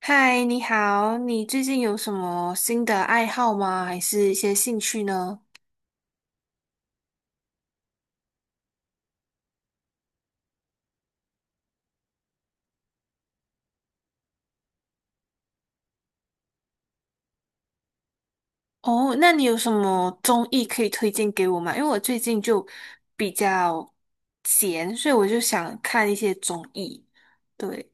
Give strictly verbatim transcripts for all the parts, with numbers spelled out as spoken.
嗨，你好，你最近有什么新的爱好吗？还是一些兴趣呢？哦，那你有什么综艺可以推荐给我吗？因为我最近就比较闲，所以我就想看一些综艺。对，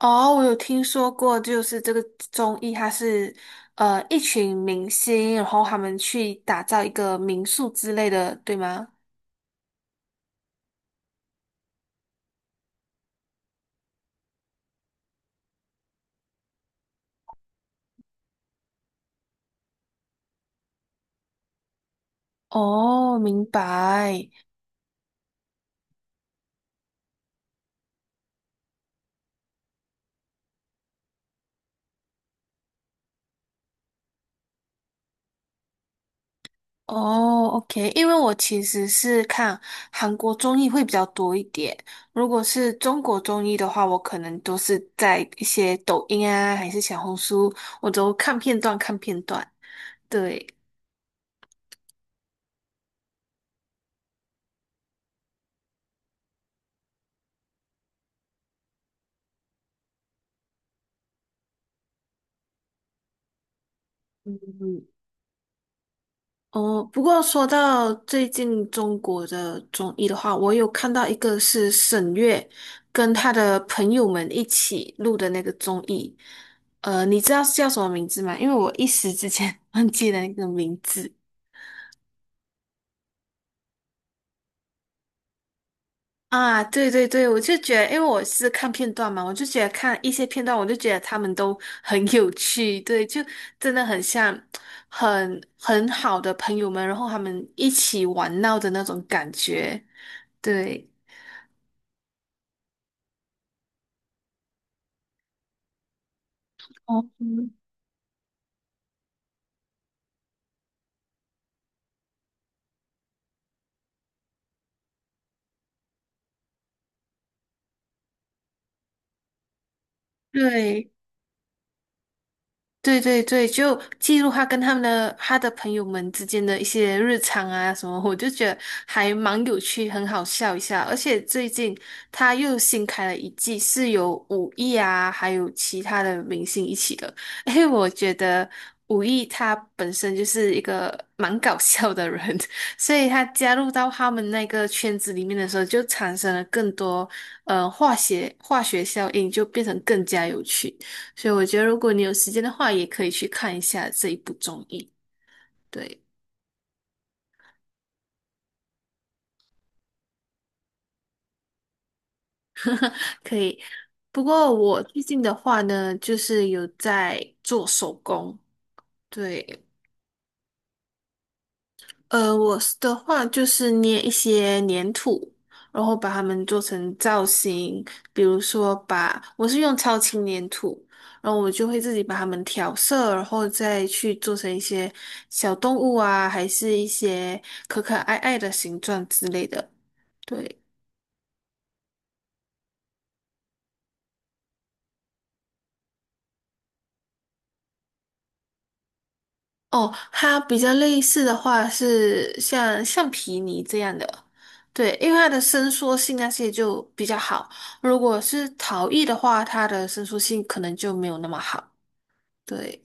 哦，我有听说过，就是这个综艺，它是呃一群明星，然后他们去打造一个民宿之类的，对吗？哦，明白。哦，OK，因为我其实是看韩国综艺会比较多一点。如果是中国综艺的话，我可能都是在一些抖音啊，还是小红书，我都看片段看片段。对。嗯。哦，不过说到最近中国的综艺的话，我有看到一个是沈月跟她的朋友们一起录的那个综艺，呃，你知道是叫什么名字吗？因为我一时之间 忘记了那个名字。啊，对对对，我就觉得，因为我是看片段嘛，我就觉得看一些片段，我就觉得他们都 很有趣，对，就真的很像很很好的朋友们，然后他们一起玩闹的那种感觉，对。哦，嗯对。对对对，就记录他跟他们的他的朋友们之间的一些日常啊什么，我就觉得还蛮有趣，很好笑一下。而且最近他又新开了一季，是有武艺啊，还有其他的明星一起的。因为我觉得武艺他本身就是一个蛮搞笑的人，所以他加入到他们那个圈子里面的时候，就产生了更多呃化学化学效应，就变成更加有趣。所以我觉得，如果你有时间的话，也可以去看一下这一部综艺。对。可以。不过我最近的话呢，就是有在做手工。对，呃，我是的话就是捏一些粘土，然后把它们做成造型。比如说把，我是用超轻粘土，然后我就会自己把它们调色，然后再去做成一些小动物啊，还是一些可可爱爱的形状之类的。对。哦，它比较类似的话是像橡皮泥这样的，对，因为它的伸缩性那些就比较好。如果是陶艺的话，它的伸缩性可能就没有那么好。对。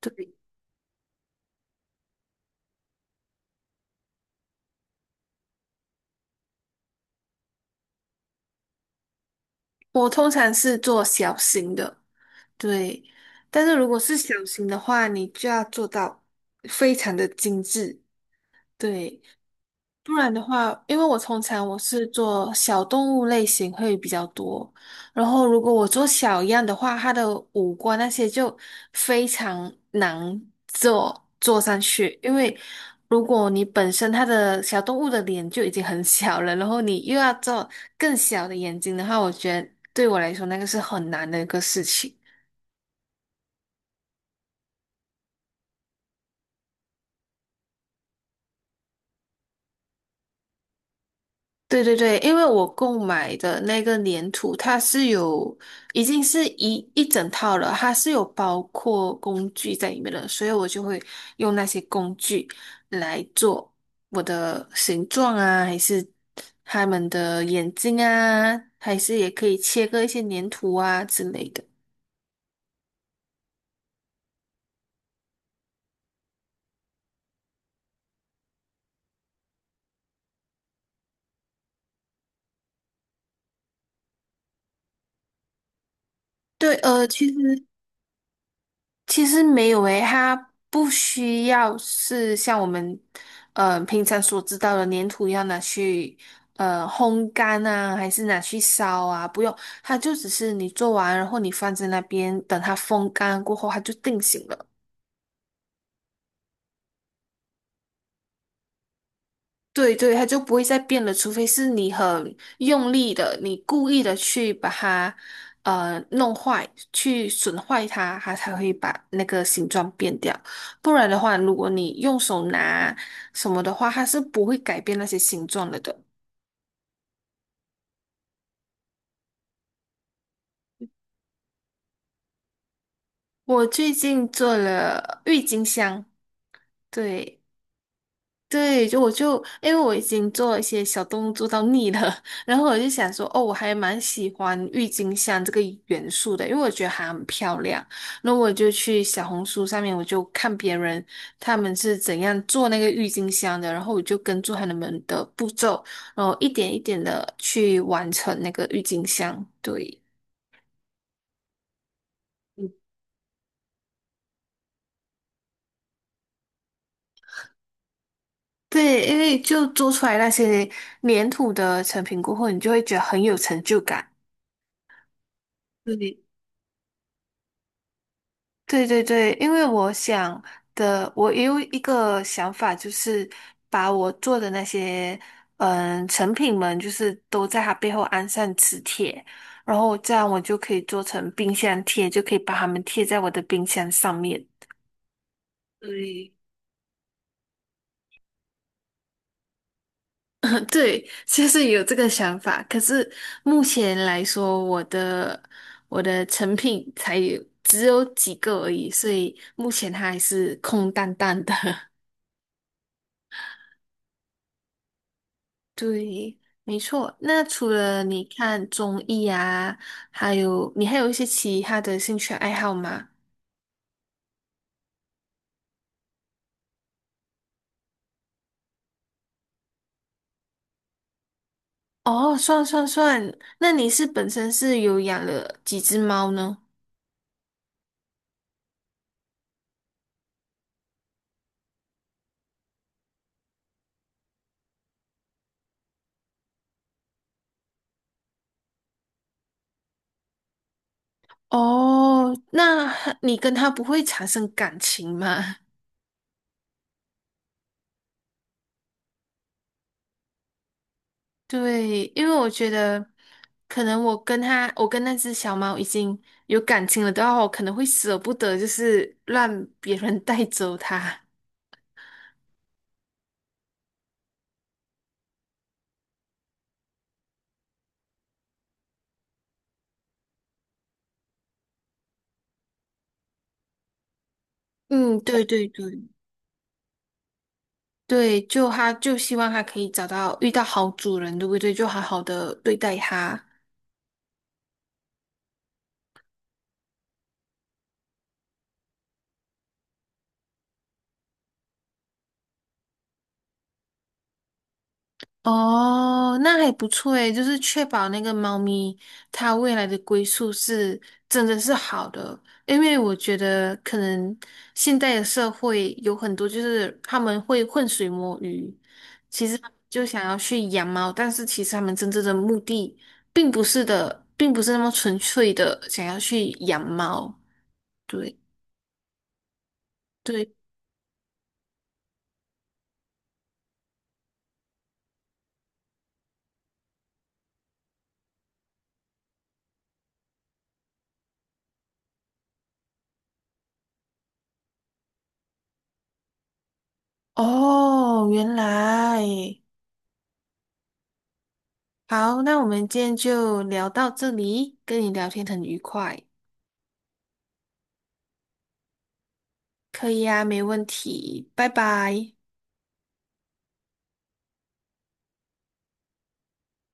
对，我通常是做小型的，对，但是如果是小型的话，你就要做到非常的精致，对。不然的话，因为我通常我是做小动物类型会比较多，然后如果我做小样的话，它的五官那些就非常难做做上去，因为如果你本身它的小动物的脸就已经很小了，然后你又要做更小的眼睛的话，我觉得对我来说那个是很难的一个事情。对对对，因为我购买的那个粘土，它是有已经是一一整套了，它是有包括工具在里面的，所以我就会用那些工具来做我的形状啊，还是他们的眼睛啊，还是也可以切割一些粘土啊之类的。对，呃，其实。其实没有诶，它不需要是像我们呃平常所知道的粘土一样拿去呃烘干啊，还是拿去烧啊，不用，它就只是你做完，然后你放在那边，等它风干过后，它就定型了。对对，它就不会再变了，除非是你很用力的，你故意的去把它呃弄坏，去损坏它，它才会把那个形状变掉。不然的话，如果你用手拿什么的话，它是不会改变那些形状了的。我最近做了郁金香，对。对，就我就因为我已经做一些小动物做到腻了，然后我就想说，哦，我还蛮喜欢郁金香这个元素的，因为我觉得它很漂亮。那我就去小红书上面，我就看别人他们是怎样做那个郁金香的，然后我就跟住他们的步骤，然后一点一点的去完成那个郁金香。对。对，因为就做出来那些粘土的成品过后，你就会觉得很有成就感。对对对对，因为我想的，我也有一个想法，就是把我做的那些嗯成品们，就是都在它背后安上磁铁，然后这样我就可以做成冰箱贴，就可以把它们贴在我的冰箱上面。对，嗯对，就是有这个想法。可是目前来说，我的我的成品才有只有几个而已，所以目前它还是空荡荡的。对，没错。那除了你看综艺啊，还有你还有一些其他的兴趣爱好吗？哦，算算算，那你是本身是有养了几只猫呢？哦，那你跟它不会产生感情吗？对，因为我觉得可能我跟它，我跟那只小猫已经有感情了的话，我可能会舍不得，就是让别人带走它。嗯，对对对。对，就他就希望他可以找到遇到好主人，对不对？就好好的对待它。哦，那还不错诶，就是确保那个猫咪它未来的归宿是真的是好的，因为我觉得可能现代的社会有很多就是他们会浑水摸鱼，其实他们就想要去养猫，但是其实他们真正的目的并不是的，并不是那么纯粹的想要去养猫。对。对。哦，原来，好，那我们今天就聊到这里，跟你聊天很愉快，可以呀，没问题，拜拜。